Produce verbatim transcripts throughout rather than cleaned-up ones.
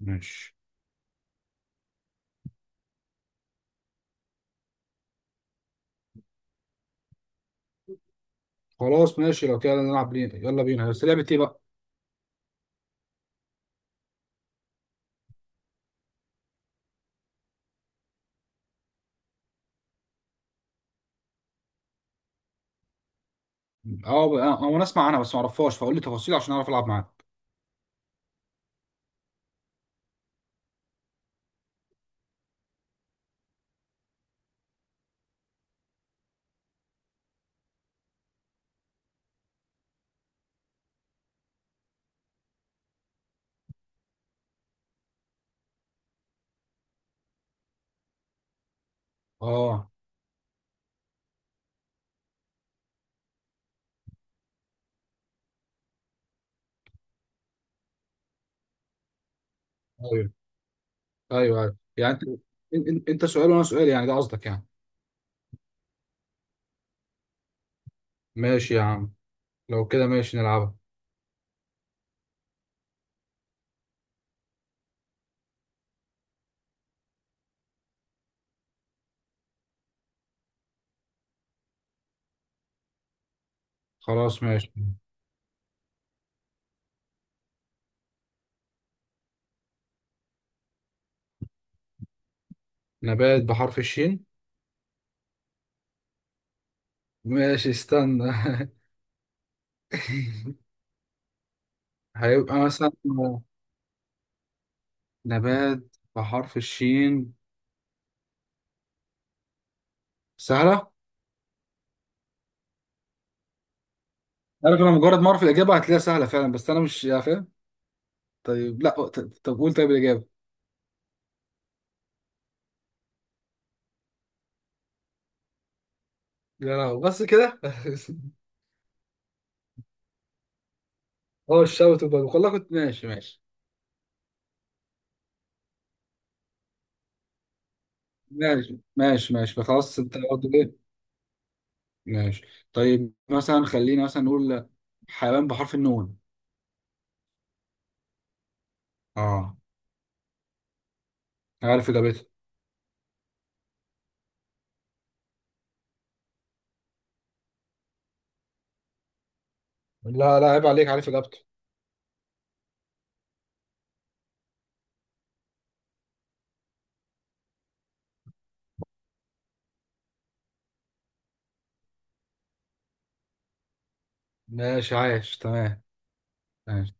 ماشي. خلاص ماشي، لو كده نلعب، بينا يلا بينا، بس لعبة ايه بقى؟ اه ب- اه آه، انا اسمع عنها بس ما اعرفهاش، فقول لي تفاصيل عشان اعرف العب معاك. اه، ايوه ايوه ايوه، يعني انت إن- إن- انت سؤال وانا سؤال، يعني ده قصدك يعني؟ ماشي يا عم، لو كده ماشي نلعبها. خلاص ماشي، نبات بحرف الشين. ماشي استنى. هيبقى مثلا نبات بحرف الشين. سهلة؟ عارف، انا مجرد ما اعرف الاجابة هتلاقيها سهلة فعلا، بس انا مش يعني فاهم. طيب لا ط- طب قول، طيب الاجابة. يا لهوي بس كده؟ هو الشوت وبدو والله، كنت ماشي ماشي ماشي ماشي ماشي. خلاص انت برضه ايه؟ ماشي. طيب مثلا خلينا مثلا نقول حيوان بحرف النون. اه، عارف اجابتها. لا لا، عيب عليك، عارف اجابته. ماشي عايش تمام. ماشي.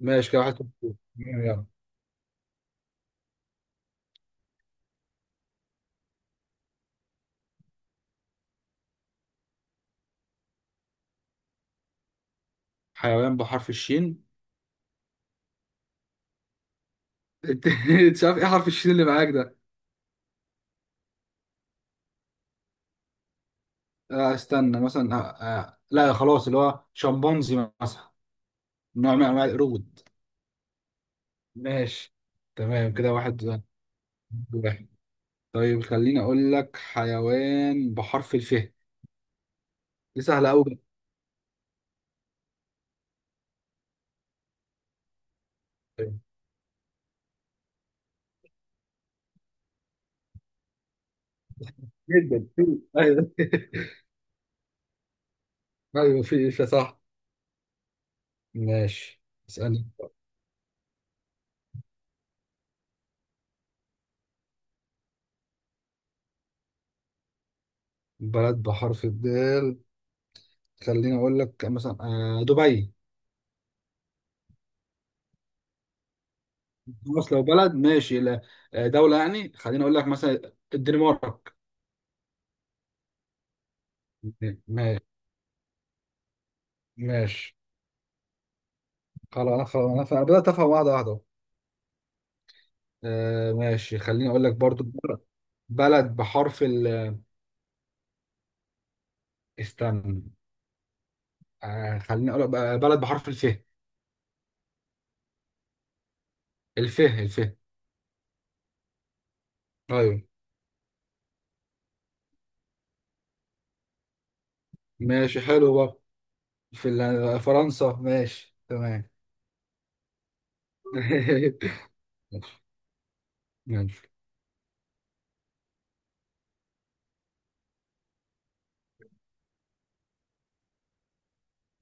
ماشي كده، واحد صفر. يلا. حيوان بحرف الشين. انت مش عارف ايه حرف الشين اللي معاك ده؟ آه، استنى مثلا، آه، آه، لا خلاص، اللي هو شمبانزي مثلا، نوع من انواع القرود. ماشي تمام كده، واحد واحد. طيب خليني اقول لك حيوان بحرف الف. دي سهله قوي جدا. في، ايوه. ايوه، في في صح. ماشي. اسالني. بلد بحرف الدال. خليني اقول لك مثلا آه، دبي. خلاص، لو بلد ماشي، لا، آه، دوله يعني. خليني اقول لك مثلا الدنمارك. ما- ماشي خلاص، انا خلاص انا فا- بدات افهم واحده واحده أهو. آه، ماشي، خليني اقول لك برضو بلد بحرف ال، استنى، آه، خليني اقول لك بقى بلد بحرف الف. الفه الفه. ايوه. ماشي حلو بقى. في ال- فرنسا، ماشي تمام. ماشي. ماشي،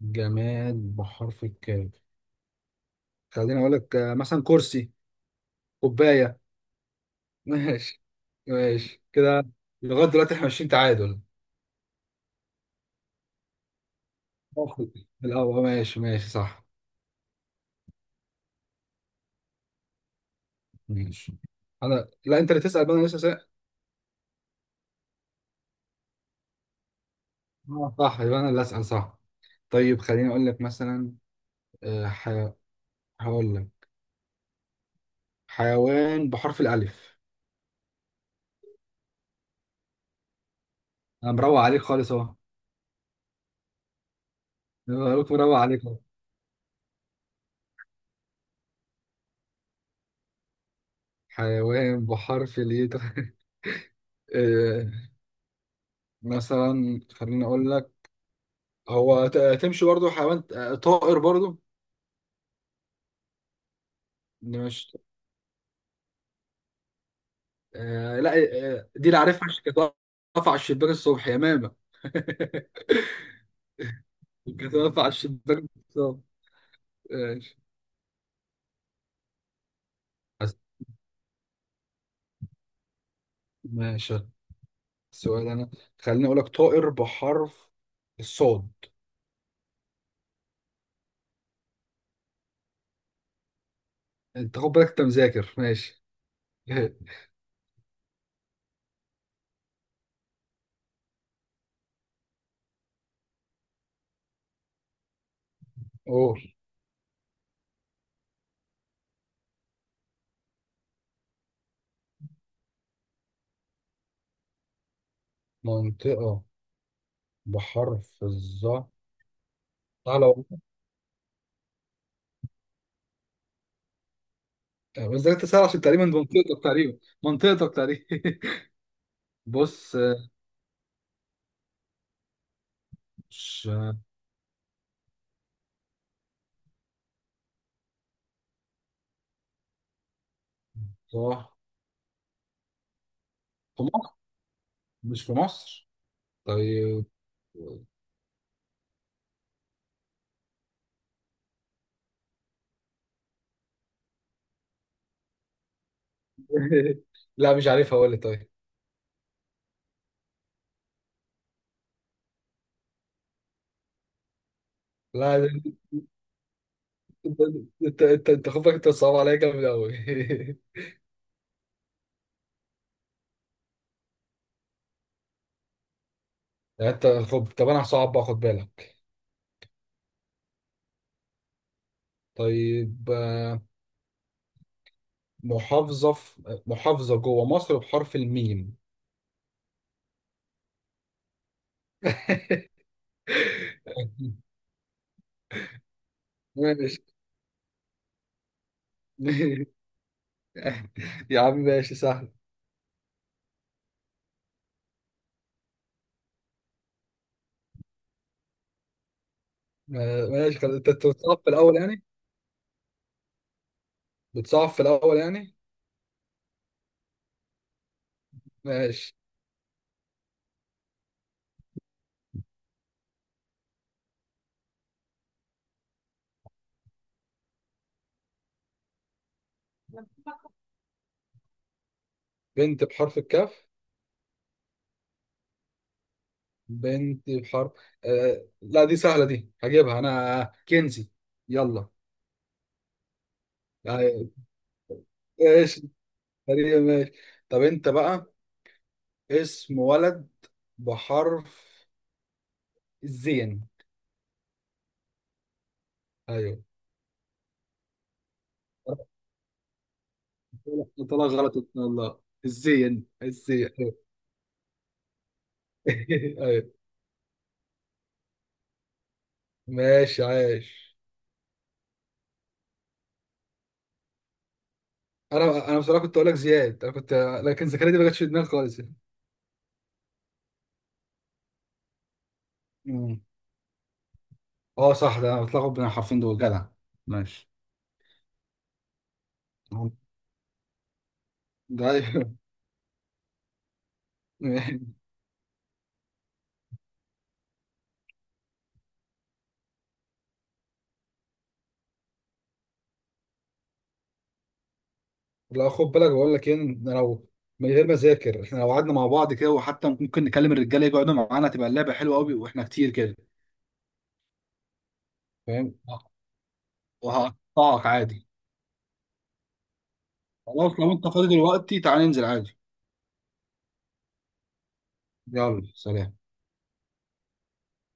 جماد بحرف الكاف. خليني اقول لك آه، مثلا كرسي. كوبايه. ماشي. ماشي كده، لغايه دلوقتي احنا ماشيين تعادل. باخد الاول، ماشي ماشي صح. ماشي. انا لا، انت اللي تسال بقى، انا لسه سأل. آه، صح، يبقى انا اللي اسال صح. طيب خليني اقول لك مثلا، آه، ح... هقول لك، حيوان بحرف الالف. انا مروق عليك خالص. أنا قلت مروق عليكم. حيوان بحرف الياء. آه، مثلا خليني اقول لك، هو ت- تمشي برضو حيوان، آه، طائر برضو. مش، آه، لا، آه، دي اللي عارفها عشان كانت واقفة على الشباك الصبح يا ماما. كانت واقفة على الشباك الصبح. ماشي. أس- ماشي. السؤال انا، خليني اقول لك طائر بحرف الصاد. انت خد بالك، انت مذاكر ماشي. اوه. منطقة بحرف الظا. تعالى آه، بس ده انت سهل عشان تقريبا ده منطقتك تقريبا، منطقتك تقريبا. بص آه، مش، صح في مصر، مش في مصر. طيب. لا مش عارف، اقول لك طيب. لا ده، انت انت انت انت خد بالك، انت صعب عليا جامد قوي. يعني انت خب، طب انا هصعب بقى خد بالك. طيب آه، محافظة، في محافظة جوه مصر بحرف الميم. ماشي. يا عم ماشي سهل. آه، ماشي خلاص، انت انت بتصعب في الاول يعني، بتصعب في الأول يعني. ماشي. بنت بحرف الكاف. بنت بحرف آه... لا، دي سهلة، دي هجيبها أنا، كنزي. يلا. يعني. ماشي، تقريبا ماشي. طب أنت بقى، اسم ولد بحرف الزين. أيوه، طلع غلط إن شاء الله. الزين الزين. أيوه. ماشي عايش. أنا أنا بصراحة كنت أقول لك زياد، أنا كنت. لكن زكريا دي ما جاتش في دماغي خالص. يعني. اه صح، ده انا بتلخبط بين الحرفين دول. جدع. ماشي. ده أيوه. لا خد بالك، بقول لك ايه، إن لو من غير ما اذاكر، احنا لو قعدنا مع بعض كده، وحتى ممكن نكلم الرجاله يقعدوا معانا، تبقى اللعبه حلوه قوي واحنا كتير كده، فاهم؟ وهقطعك عادي. خلاص لو انت فاضي دلوقتي، تعالى ننزل عادي. يلا سلام.